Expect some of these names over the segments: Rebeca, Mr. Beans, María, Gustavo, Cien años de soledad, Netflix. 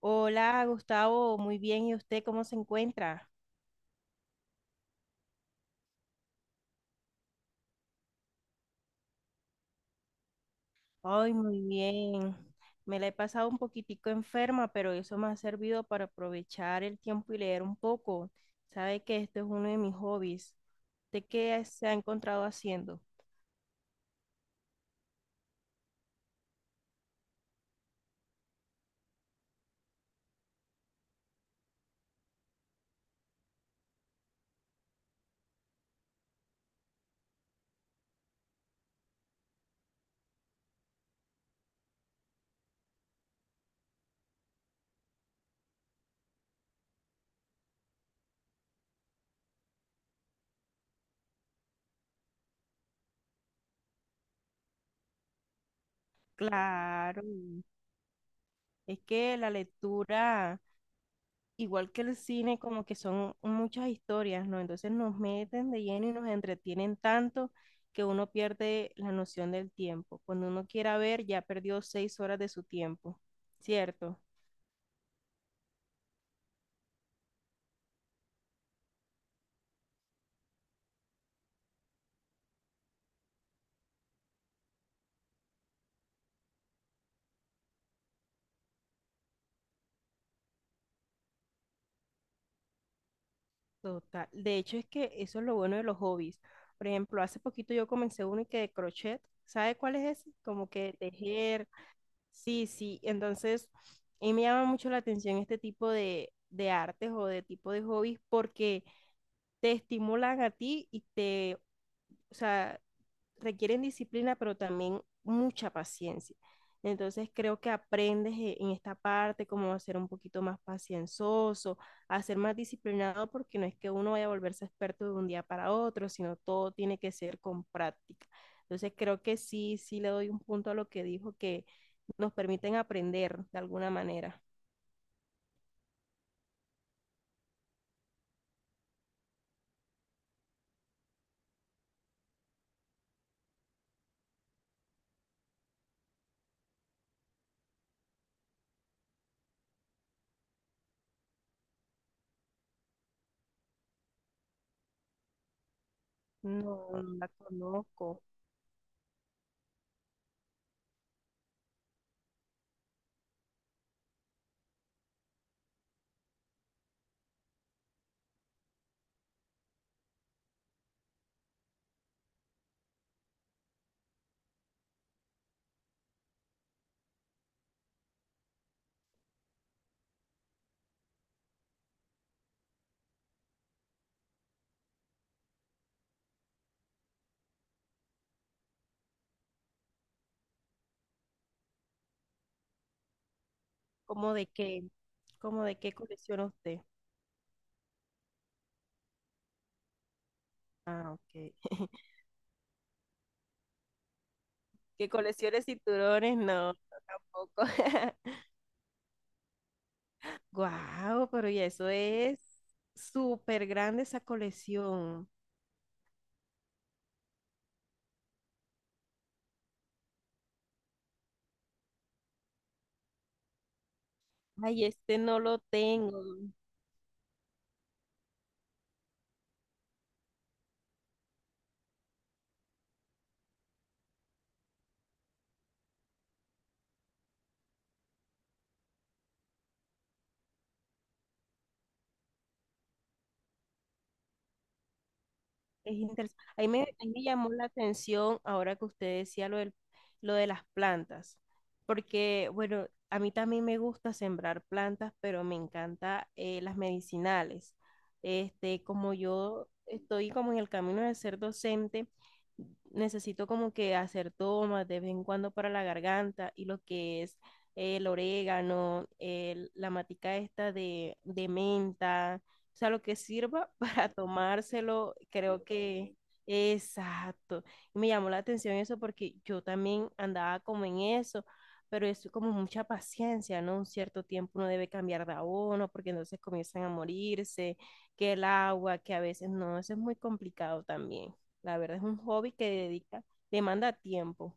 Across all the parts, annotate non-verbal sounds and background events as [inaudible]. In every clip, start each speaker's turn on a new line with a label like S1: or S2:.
S1: Hola, Gustavo, muy bien. ¿Y usted cómo se encuentra? Ay, muy bien. Me la he pasado un poquitico enferma, pero eso me ha servido para aprovechar el tiempo y leer un poco. Sabe que esto es uno de mis hobbies. ¿De qué se ha encontrado haciendo? Claro, es que la lectura igual que el cine, como que son muchas historias, ¿no? Entonces nos meten de lleno y nos entretienen tanto que uno pierde la noción del tiempo. Cuando uno quiera ver, ya perdió 6 horas de su tiempo, ¿cierto? Total. De hecho, es que eso es lo bueno de los hobbies. Por ejemplo, hace poquito yo comencé uno y que de crochet. ¿Sabe cuál es ese? Como que tejer. Sí, sí. Entonces, y me llama mucho la atención este tipo de artes o de tipo de hobbies porque te estimulan a ti y te o sea, requieren disciplina, pero también mucha paciencia. Entonces creo que aprendes en esta parte cómo ser un poquito más pacienzoso, a ser más disciplinado, porque no es que uno vaya a volverse experto de un día para otro, sino todo tiene que ser con práctica. Entonces creo que sí, sí le doy un punto a lo que dijo, que nos permiten aprender de alguna manera. No, no la conozco. ¿Cómo de qué? ¿Cómo de qué colecciona usted? Ah, ok. [laughs] Que coleccione cinturones, no, no, tampoco. [laughs] Guau, pero ya eso es súper grande esa colección. Ay, este no lo tengo. Es interesante. Ahí me llamó la atención ahora que usted decía lo de las plantas, porque bueno, a mí también me gusta sembrar plantas, pero me encanta las medicinales. Este, como yo estoy como en el camino de ser docente, necesito como que hacer tomas de vez en cuando para la garganta y lo que es el orégano, la matica esta de menta o sea, lo que sirva [laughs] para tomárselo, creo que... Exacto. Y me llamó la atención eso porque yo también andaba como en eso, pero es como mucha paciencia, ¿no? Un cierto tiempo uno debe cambiar de abono porque entonces comienzan a morirse, que el agua, que a veces no, eso es muy complicado también. La verdad es un hobby que dedica, demanda tiempo.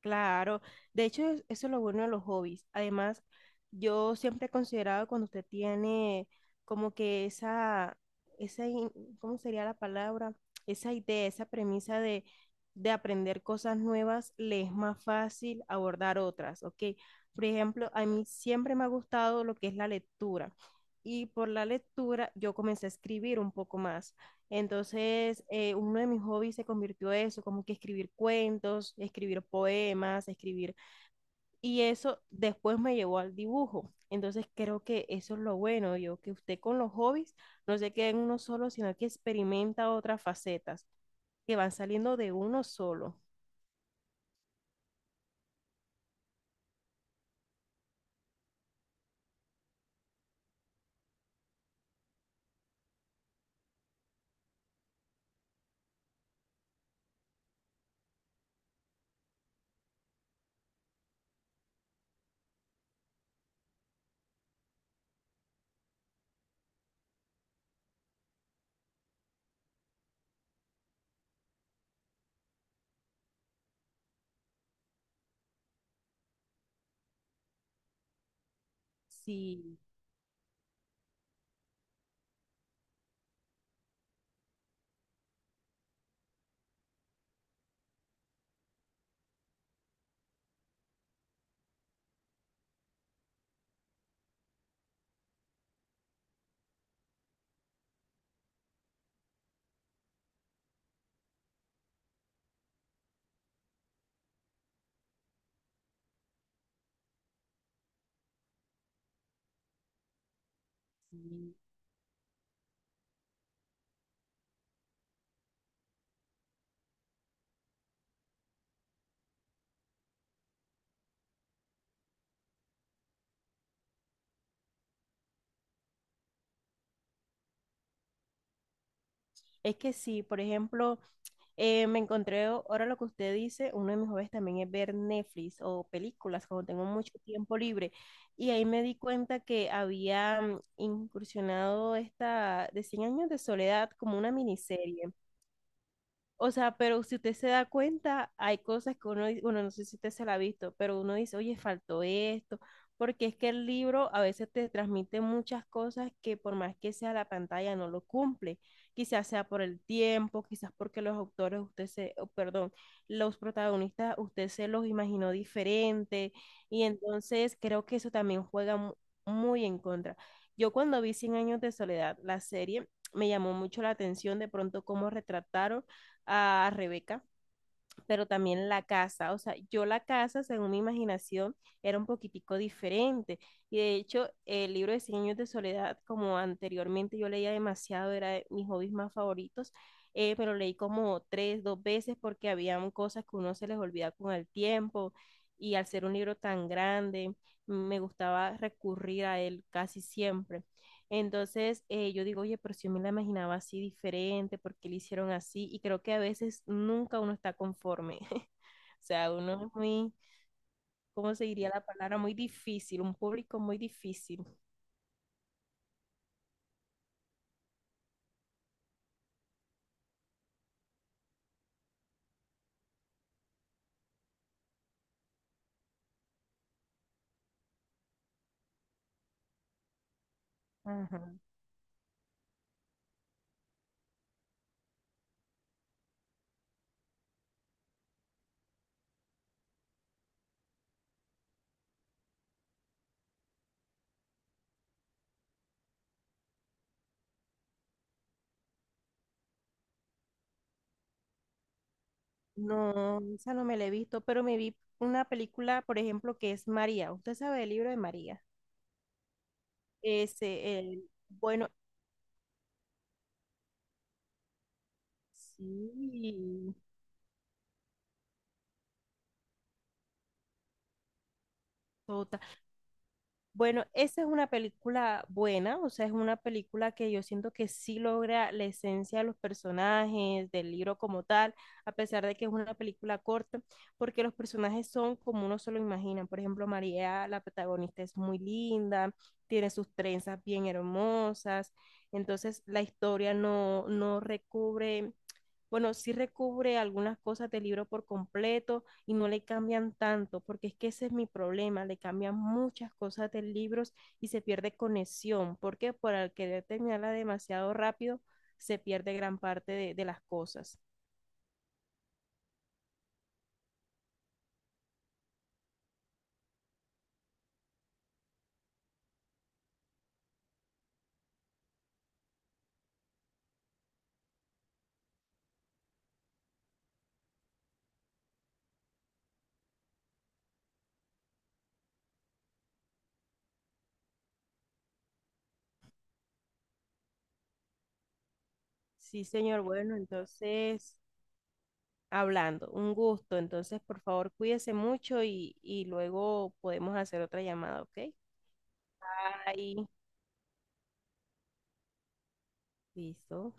S1: Claro, de hecho eso es lo bueno de los hobbies. Además, yo siempre he considerado cuando usted tiene como que esa, esa, in- ¿cómo sería la palabra? Esa idea, esa premisa de aprender cosas nuevas, le es más fácil abordar otras, ¿ok? Por ejemplo, a mí siempre me ha gustado lo que es la lectura y por la lectura yo comencé a escribir un poco más. Entonces, uno de mis hobbies se convirtió en eso, como que escribir cuentos, escribir poemas, escribir. Y eso después me llevó al dibujo. Entonces, creo que eso es lo bueno, yo, que usted con los hobbies no se queda en uno solo, sino que experimenta otras facetas que van saliendo de uno solo. Sí, sí. Es que sí, por ejemplo, eh, me encontré, ahora lo que usted dice, uno de mis hobbies también es ver Netflix o películas cuando tengo mucho tiempo libre. Y ahí me di cuenta que había incursionado esta de Cien años de soledad como una miniserie. O sea, pero si usted se da cuenta, hay cosas que uno, bueno, no sé si usted se la ha visto, pero uno dice, oye, faltó esto, porque es que el libro a veces te transmite muchas cosas que por más que sea la pantalla no lo cumple. Quizás sea por el tiempo, quizás porque los autores, perdón, los protagonistas, usted se los imaginó diferente, y entonces creo que eso también juega muy en contra. Yo cuando vi Cien años de soledad, la serie, me llamó mucho la atención de pronto cómo retrataron a Rebeca, pero también la casa. O sea, yo la casa, según mi imaginación, era un poquitico diferente. Y de hecho, el libro de 100 años de soledad, como anteriormente yo leía demasiado, era de mis hobbies más favoritos, pero leí como tres, dos veces porque habían cosas que uno se les olvida con el tiempo. Y al ser un libro tan grande, me gustaba recurrir a él casi siempre. Entonces, yo digo, oye, pero si yo me la imaginaba así diferente, ¿por qué le hicieron así? Y creo que a veces nunca uno está conforme. [laughs] O sea, uno es muy, ¿cómo se diría la palabra? Muy difícil, un público muy difícil. Ajá. No, esa no me la he visto, pero me vi una película, por ejemplo, que es María. ¿Usted sabe el libro de María? Ese, el, bueno, sí, total. Bueno, esa es una película buena, o sea, es una película que yo siento que sí logra la esencia de los personajes, del libro como tal, a pesar de que es una película corta, porque los personajes son como uno se lo imagina. Por ejemplo, María, la protagonista, es muy linda, tiene sus trenzas bien hermosas, entonces la historia no, no recubre bueno, sí recubre algunas cosas del libro por completo y no le cambian tanto, porque es que ese es mi problema, le cambian muchas cosas del libro y se pierde conexión, porque por al querer terminarla demasiado rápido, se pierde gran parte de las cosas. Sí, señor, bueno, entonces, hablando, un gusto, entonces, por favor, cuídese mucho y luego podemos hacer otra llamada, ¿ok? Ahí, listo.